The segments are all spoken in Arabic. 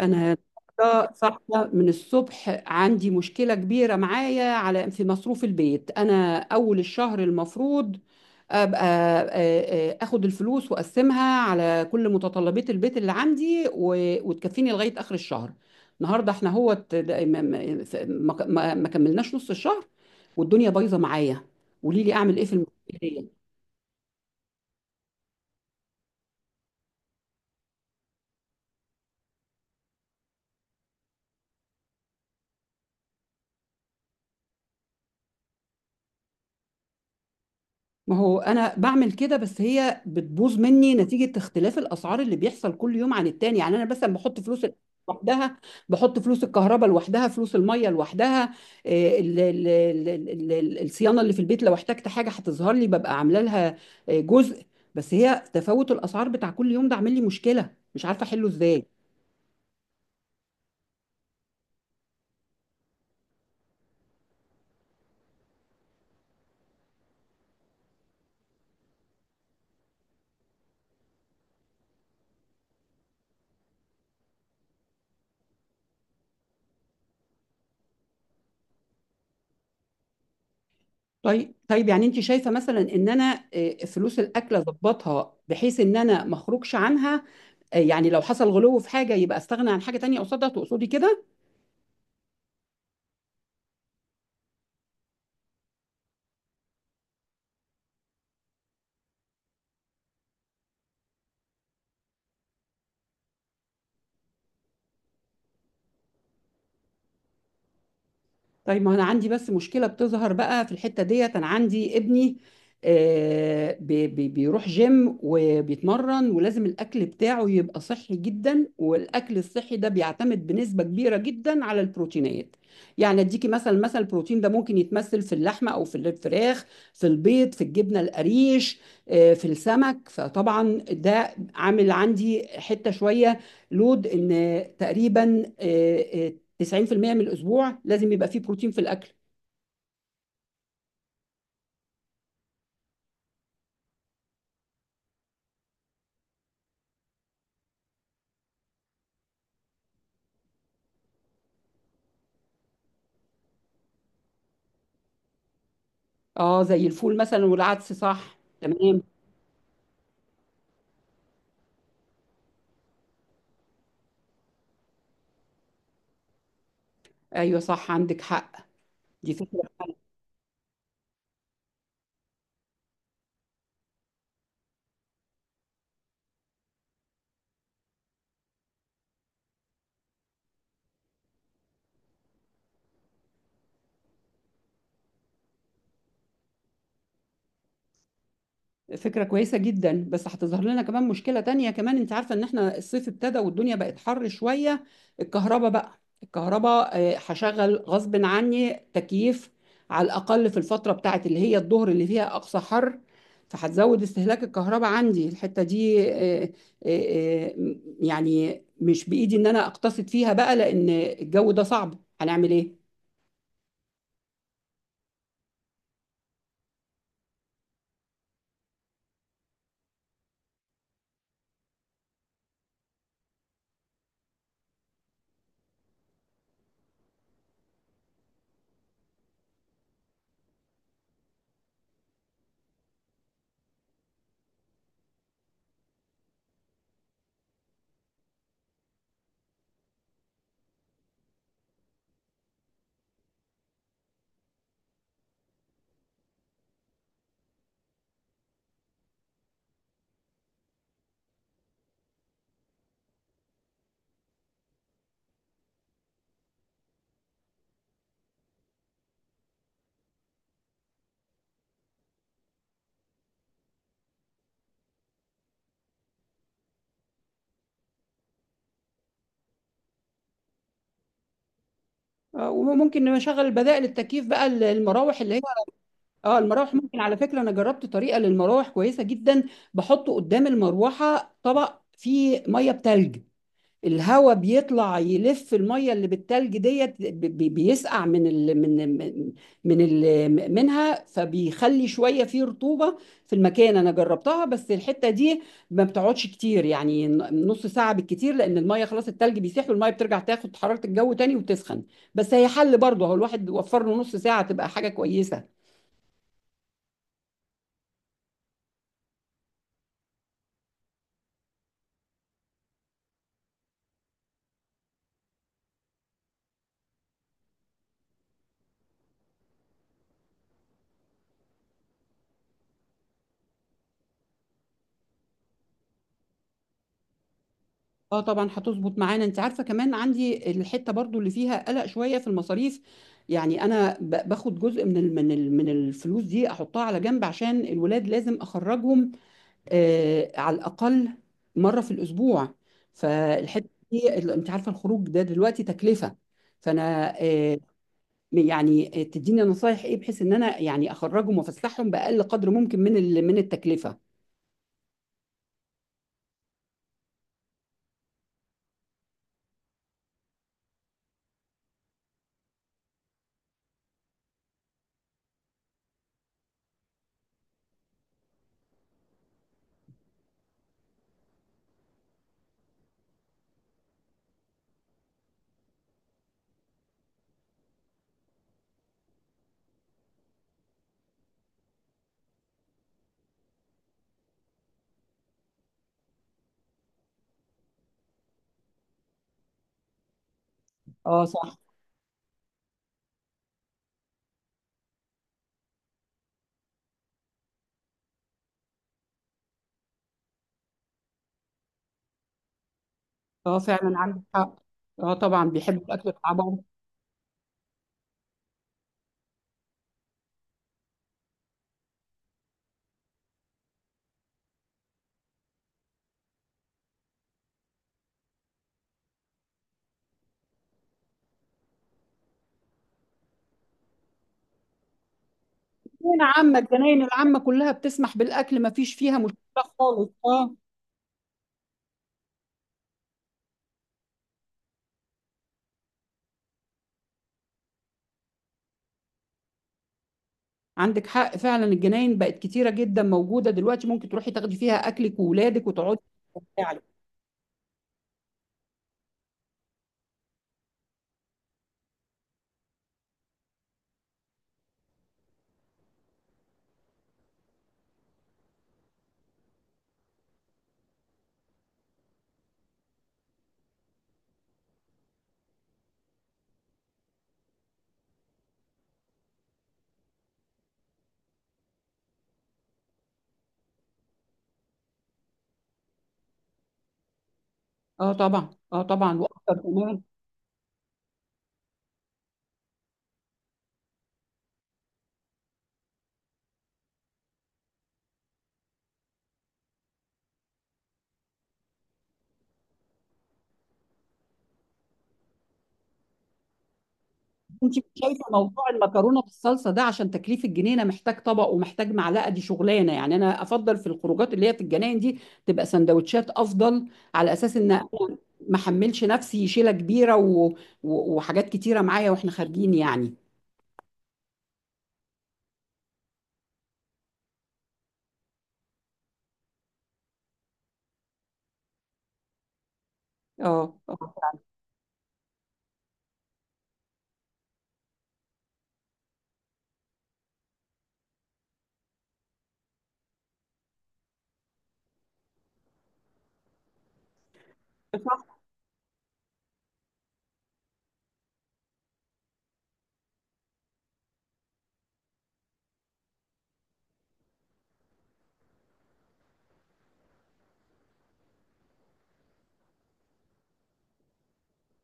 انا النهاردة صاحبه من الصبح. عندي مشكله كبيره معايا على في مصروف البيت. انا اول الشهر المفروض ابقى اخد الفلوس واقسمها على كل متطلبات البيت اللي عندي وتكفيني لغايه اخر الشهر. النهارده احنا هو ما كملناش نص الشهر والدنيا بايظه معايا. قولي لي اعمل ايه في المشكله؟ ما هو انا بعمل كده، بس هي بتبوظ مني نتيجة اختلاف الاسعار اللي بيحصل كل يوم عن التاني. يعني انا مثلا بحط فلوس لوحدها، بحط فلوس الكهرباء لوحدها، فلوس المية لوحدها. الصيانة اللي في البيت لو احتجت حاجة هتظهر لي ببقى عاملة لها جزء. بس هي تفاوت الاسعار بتاع كل يوم ده عامل لي مشكلة مش عارفة احله ازاي. طيب يعني انت شايفه مثلا ان انا، فلوس الاكل اظبطها بحيث ان انا ما اخرجش عنها، يعني لو حصل غلو في حاجه يبقى استغنى عن حاجه تانية قصادها، تقصدي كده؟ طيب ما انا عندي بس مشكله بتظهر بقى في الحته ديت. انا عندي ابني بيروح جيم وبيتمرن ولازم الاكل بتاعه يبقى صحي جدا، والاكل الصحي ده بيعتمد بنسبه كبيره جدا على البروتينات. يعني اديكي مثلا، البروتين ده ممكن يتمثل في اللحمه او في الفراخ، في البيض، في الجبنه القريش، في السمك. فطبعا ده عامل عندي حته شويه. لود ان تقريبا 90% من الاسبوع لازم يبقى فيه بروتين في الاكل. اه، زي الفول مثلا والعدس، صح، تمام. ايوه صح، عندك حق. دي فكره. فكرة كويسة جدا، بس هتظهر لنا كمان مشكلة تانية. كمان انت عارفة ان احنا الصيف ابتدى والدنيا بقت حر شوية. الكهرباء بقى، الكهرباء، هشغل غصب عني تكييف على الأقل في الفترة بتاعت اللي هي الظهر اللي فيها أقصى حر. فهتزود استهلاك الكهرباء عندي الحتة دي. يعني مش بإيدي ان انا اقتصد فيها بقى، لأن الجو ده صعب، هنعمل ايه؟ وممكن نشغل بدائل التكييف بقى، المراوح اللي، اه المراوح. ممكن، على فكرة انا جربت طريقة للمراوح كويسة جدا. بحط قدام المروحة طبق فيه مية بتلج. الهواء بيطلع يلف المية اللي بالتلج ديت بيسقع من من ال منها، فبيخلي شوية فيه رطوبة في المكان. انا جربتها بس الحتة دي ما بتقعدش كتير، يعني نص ساعة بالكتير، لان المية خلاص، التلج بيسيح والمية بترجع تاخد حرارة الجو تاني وتسخن. بس هي حل برضه، هو الواحد وفر له نص ساعة تبقى حاجة كويسة. اه طبعا هتظبط معانا. انت عارفه كمان عندي الحته برضو اللي فيها قلق شويه في المصاريف. يعني انا باخد جزء من الفلوس دي احطها على جنب عشان الولاد لازم اخرجهم آه، على الاقل مره في الاسبوع. فالحته دي انت عارفه الخروج ده دلوقتي تكلفه. فانا آه، يعني تديني نصايح ايه بحيث ان انا يعني اخرجهم وافسحهم باقل قدر ممكن من التكلفه؟ اه صح. اه فعلا عندك حق. اه طبعا بيحبوا الاكل بتاع بابا. جناين عامة، الجناين العامة كلها بتسمح بالأكل، ما فيش فيها مشكلة خالص. اه عندك حق فعلا، الجناين بقت كتيرة جدا موجودة دلوقتي، ممكن تروحي تاخدي فيها أكلك وولادك وتقعدي تستمتعي. اه طبعا، اه طبعا واكتر كمان. انت مش شايفه موضوع المكرونه بالصلصه ده، عشان تكليف الجنينه محتاج طبق ومحتاج معلقه، دي شغلانه. يعني انا افضل في الخروجات اللي هي في الجناين دي تبقى سندوتشات افضل، على اساس ان أنا ما احملش نفسي شيله كبيره وحاجات كتيره معايا واحنا خارجين يعني. اه آه. صح.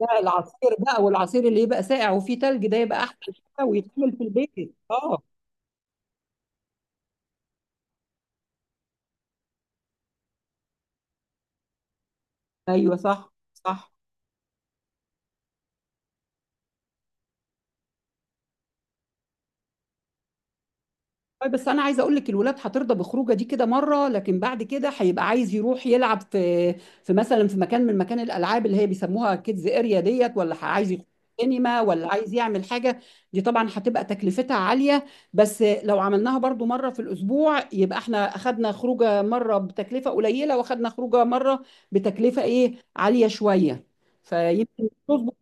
ده العصير بقى، والعصير اللي يبقى ساقع وفيه تلج ده يبقى احسن حاجه ويتعمل في البيت، اه. ايوه صح صح. طيب بس انا عايزه اقول لك، الولاد هترضى بخروجه دي كده مره، لكن بعد كده هيبقى عايز يروح يلعب في، في مثلا في مكان، من مكان الالعاب اللي هي بيسموها كيدز اريا ديت، ولا عايز يخش سينما، ولا عايز يعمل حاجه. دي طبعا هتبقى تكلفتها عاليه، بس لو عملناها برضو مره في الاسبوع، يبقى احنا اخدنا خروجه مره بتكلفه قليله واخدنا خروجه مره بتكلفه ايه، عاليه شويه، فيمكن تظبط.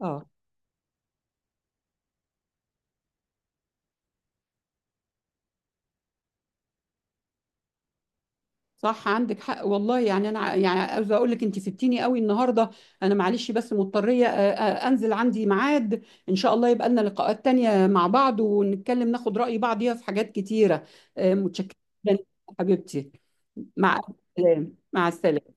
اه صح، عندك حق والله. يعني انا يعني عاوزه اقول لك انت سبتيني قوي النهارده. انا معلش، بس مضطريه انزل، عندي ميعاد. ان شاء الله يبقى لنا لقاءات تانية مع بعض ونتكلم ناخد رأي بعض فيها في حاجات كتيره. متشكره جدا حبيبتي. مع السلامه، مع السلامه.